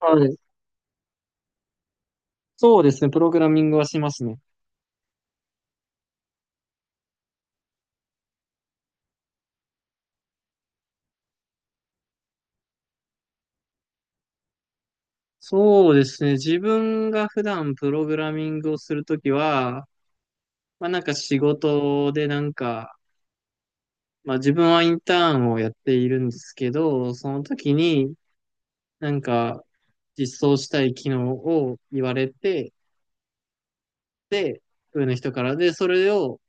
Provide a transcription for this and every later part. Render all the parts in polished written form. はい。そうですね。プログラミングはしますね。そうですね。自分が普段プログラミングをするときは、まあなんか仕事でなんか、まあ自分はインターンをやっているんですけど、その時になんか実装したい機能を言われて、で、上の人からで、それを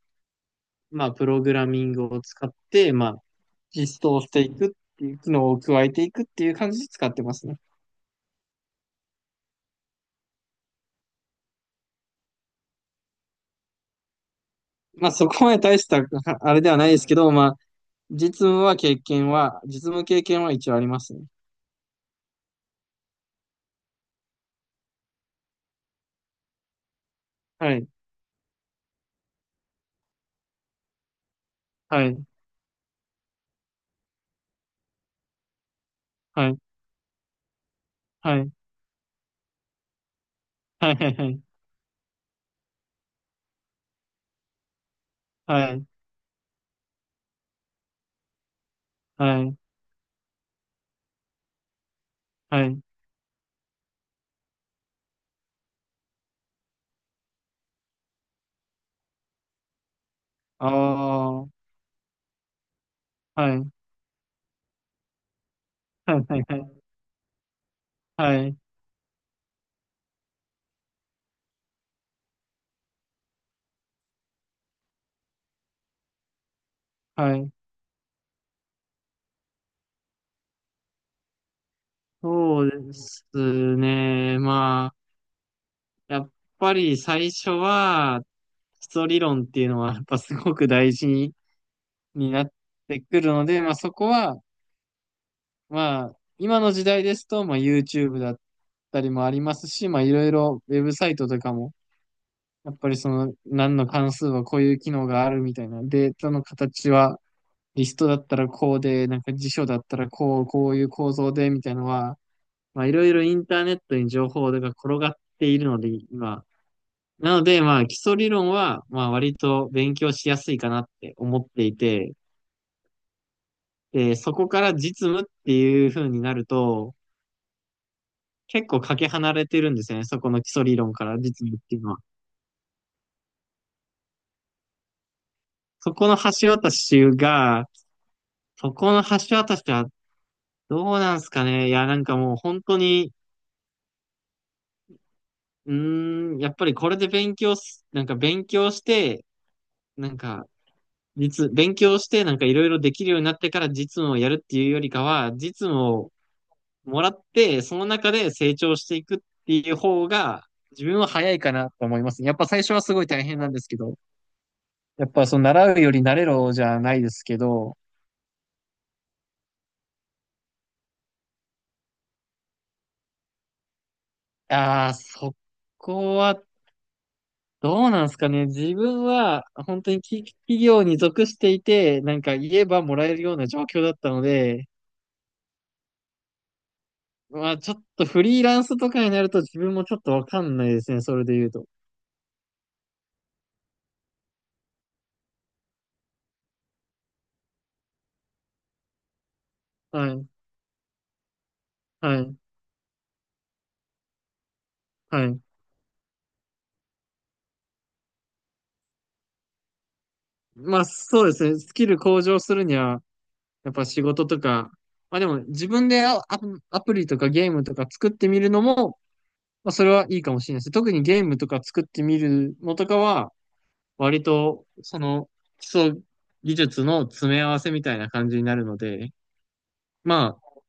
まあプログラミングを使って、まあ実装していくっていう機能を加えていくっていう感じで使ってますね。まあそこまで大した あれではないですけど、まあ実務経験は一応ありますね。はい、はい、はい、はい、はい、はい、はい、はい、はい、ああ、はい、はい、はい、はい、はい、そうですね。まあ、やっぱり最初は、基礎理論っていうのは、やっぱすごく大事になってくるので、まあそこは、まあ、今の時代ですと、まあ YouTube だったりもありますし、まあいろいろウェブサイトとかも、やっぱりその何の関数はこういう機能があるみたいな、データの形はリストだったらこうで、なんか辞書だったらこう、こういう構造でみたいなのは、まあいろいろインターネットに情報が転がっているので、今。なので、まあ基礎理論は、まあ割と勉強しやすいかなって思っていて、で、そこから実務っていう風になると、結構かけ離れてるんですよね。そこの基礎理論から実務っていうのは。そこの橋渡しが、そこの橋渡しはどうなんすかね。いや、なんかもう本当に、うーん、やっぱりこれで勉強す、なんか勉強して、なんか、勉強して、なんかいろいろできるようになってから実務をやるっていうよりかは、実務をもらって、その中で成長していくっていう方が、自分は早いかなと思いますね。やっぱ最初はすごい大変なんですけど、やっぱその習うより慣れろじゃないですけど、ああ、そこはどうなんですかね。自分は本当に企業に属していて、なんか言えばもらえるような状況だったので、まあちょっとフリーランスとかになると自分もちょっとわかんないですね。それで言うと。はい。はい。はい。まあそうですね。スキル向上するには、やっぱ仕事とか、まあでも自分でアプリとかゲームとか作ってみるのも、まあそれはいいかもしれないです。特にゲームとか作ってみるのとかは、割と、その、基礎技術の詰め合わせみたいな感じになるので、まあ、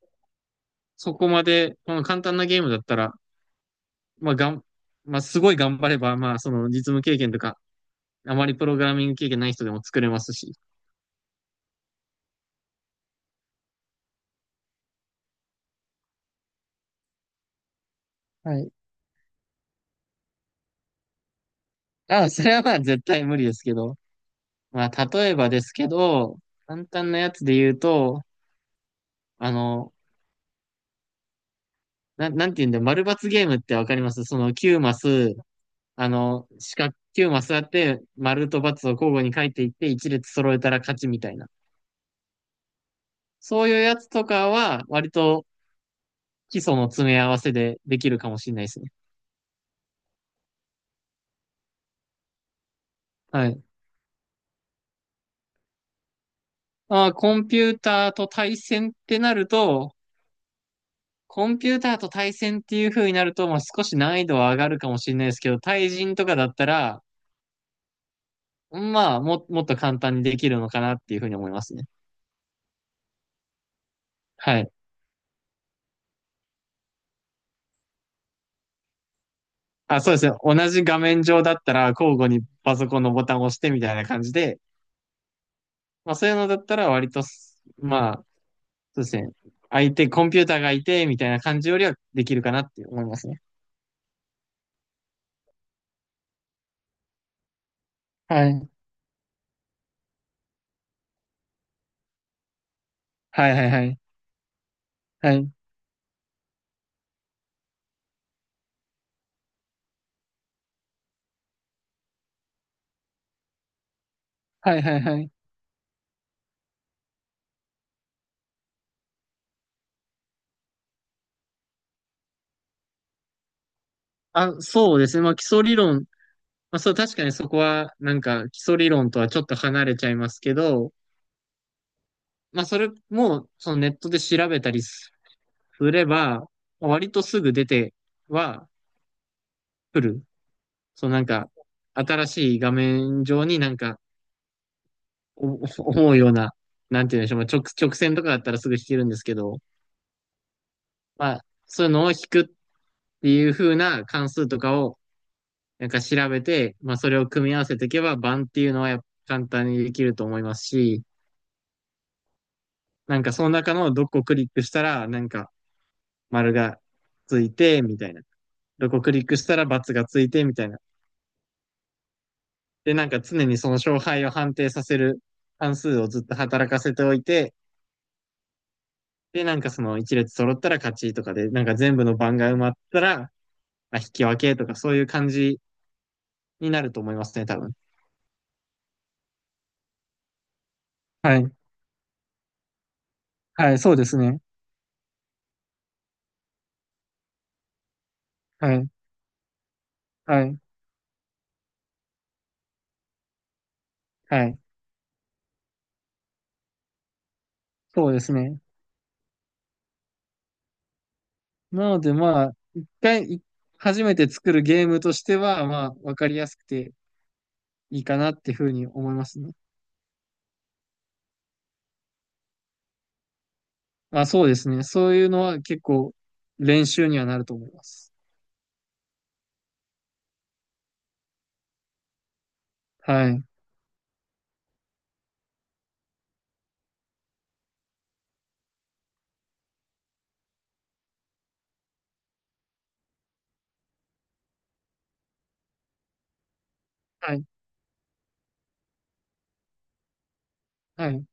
そこまで、この簡単なゲームだったら、まあ、がん、まあ、すごい頑張れば、まあ、その、実務経験とか、あまりプログラミング経験ない人でも作れますし。はい。あ、それはまあ、絶対無理ですけど。まあ、例えばですけど、簡単なやつで言うと、あの、なんて言うんだ、丸×ゲームってわかりますその9マス、あの、四角9マスやって、丸と×を交互に書いていって、一列揃えたら勝ちみたいな。そういうやつとかは、割と基礎の詰め合わせでできるかもしれないですね。はい。まあー、コンピューターと対戦ってなると、コンピューターと対戦っていう風になると、まあ、少し難易度は上がるかもしれないですけど、対人とかだったら、まあ、もっと簡単にできるのかなっていう風に思いますね。はい。あ、そうですね。同じ画面上だったら、交互にパソコンのボタンを押してみたいな感じで、まあそういうのだったら割とす、まあ、そうですね。相手、コンピューターがいて、みたいな感じよりはできるかなって思いますね。はい。はいはいはい。はい。はいはいはい。あ、そうですね。まあ基礎理論。まあそう、確かにそこは、なんか基礎理論とはちょっと離れちゃいますけど、まあそれも、そのネットで調べたりすれば、割とすぐ出ては来る。そうなんか、新しい画面上になんか、お 思うような、なんて言うんでしょう、まあ、直線とかだったらすぐ弾けるんですけど、まあ、そういうのを弾くっていう風な関数とかを、なんか調べて、まあ、それを組み合わせていけば、盤っていうのはやっぱ簡単にできると思いますし、なんかその中のどこをクリックしたら、なんか丸がついて、みたいな。どこクリックしたら×がついて、みたいな。で、なんか常にその勝敗を判定させる関数をずっと働かせておいて、で、なんかその一列揃ったら勝ちとかで、なんか全部の番が埋まったら、まあ、引き分けとかそういう感じになると思いますね、多分。はい。はい、そうですね。はい。はい。はい。そうですね。なのでまあ、一回、い初めて作るゲームとしては、まあ、わかりやすくていいかなっていうふうに思いますね。まあそうですね。そういうのは結構練習にはなると思います。はい。はい。はい。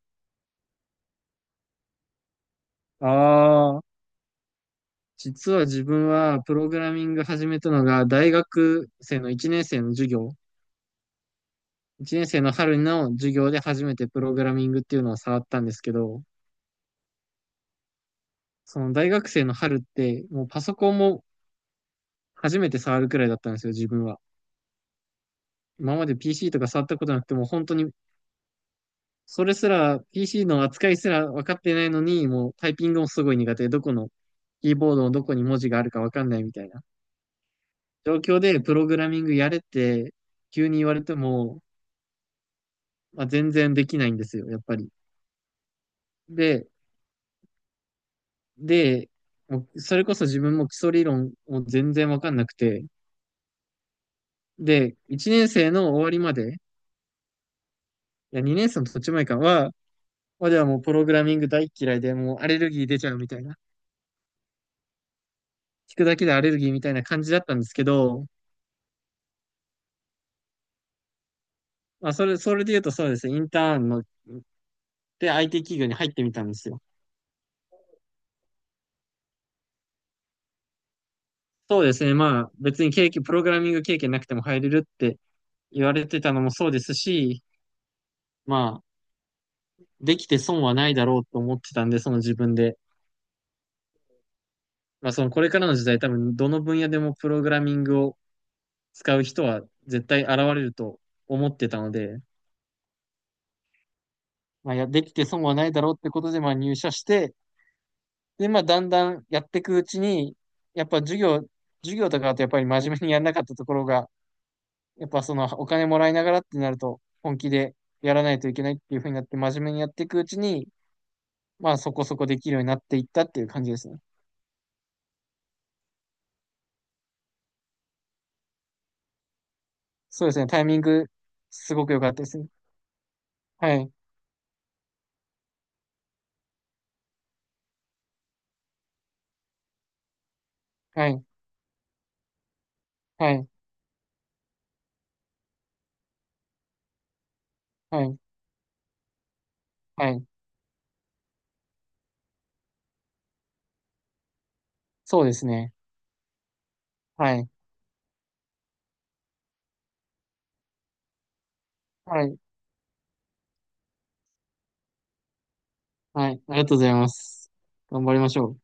ああ。実は自分はプログラミング始めたのが大学生の1年生の授業、1年生の春の授業で初めてプログラミングっていうのを触ったんですけど、その大学生の春ってもうパソコンも初めて触るくらいだったんですよ、自分は。今まで PC とか触ったことなくても本当にそれすら PC の扱いすら分かってないのにもうタイピングもすごい苦手で、どこのキーボードのどこに文字があるか分かんないみたいな状況でプログラミングやれって急に言われてもまあ、全然できないんですよ、やっぱり。で、で、もうそれこそ自分も基礎理論も全然わかんなくて、で、1年生の終わりまで、いや、2年生の途中前かは、まではもうプログラミング大嫌いで、もうアレルギー出ちゃうみたいな、聞くだけでアレルギーみたいな感じだったんですけど、まあ、それで言うとそうですね、インターンの、で IT 企業に入ってみたんですよ。そうですね、まあ、別にプログラミング経験なくても入れるって言われてたのもそうですし、まあ、できて損はないだろうと思ってたんで、その自分で。まあ、そのこれからの時代、多分どの分野でもプログラミングを使う人は絶対現れると思ってたので、まあ、できて損はないだろうってことで、まあ、入社して、で、まあ、だんだんやっていくうちに、やっぱ授業、授業とかだとやっぱり真面目にやらなかったところが、やっぱそのお金もらいながらってなると、本気でやらないといけないっていう風になって、真面目にやっていくうちに、まあ、そこそこできるようになっていったっていう感じですね。そうですね、タイミング、すごく良かったですね。はい、はい、はい、はい、はい。そうですね。はい、はい、はい。ありがとうございます。頑張りましょう。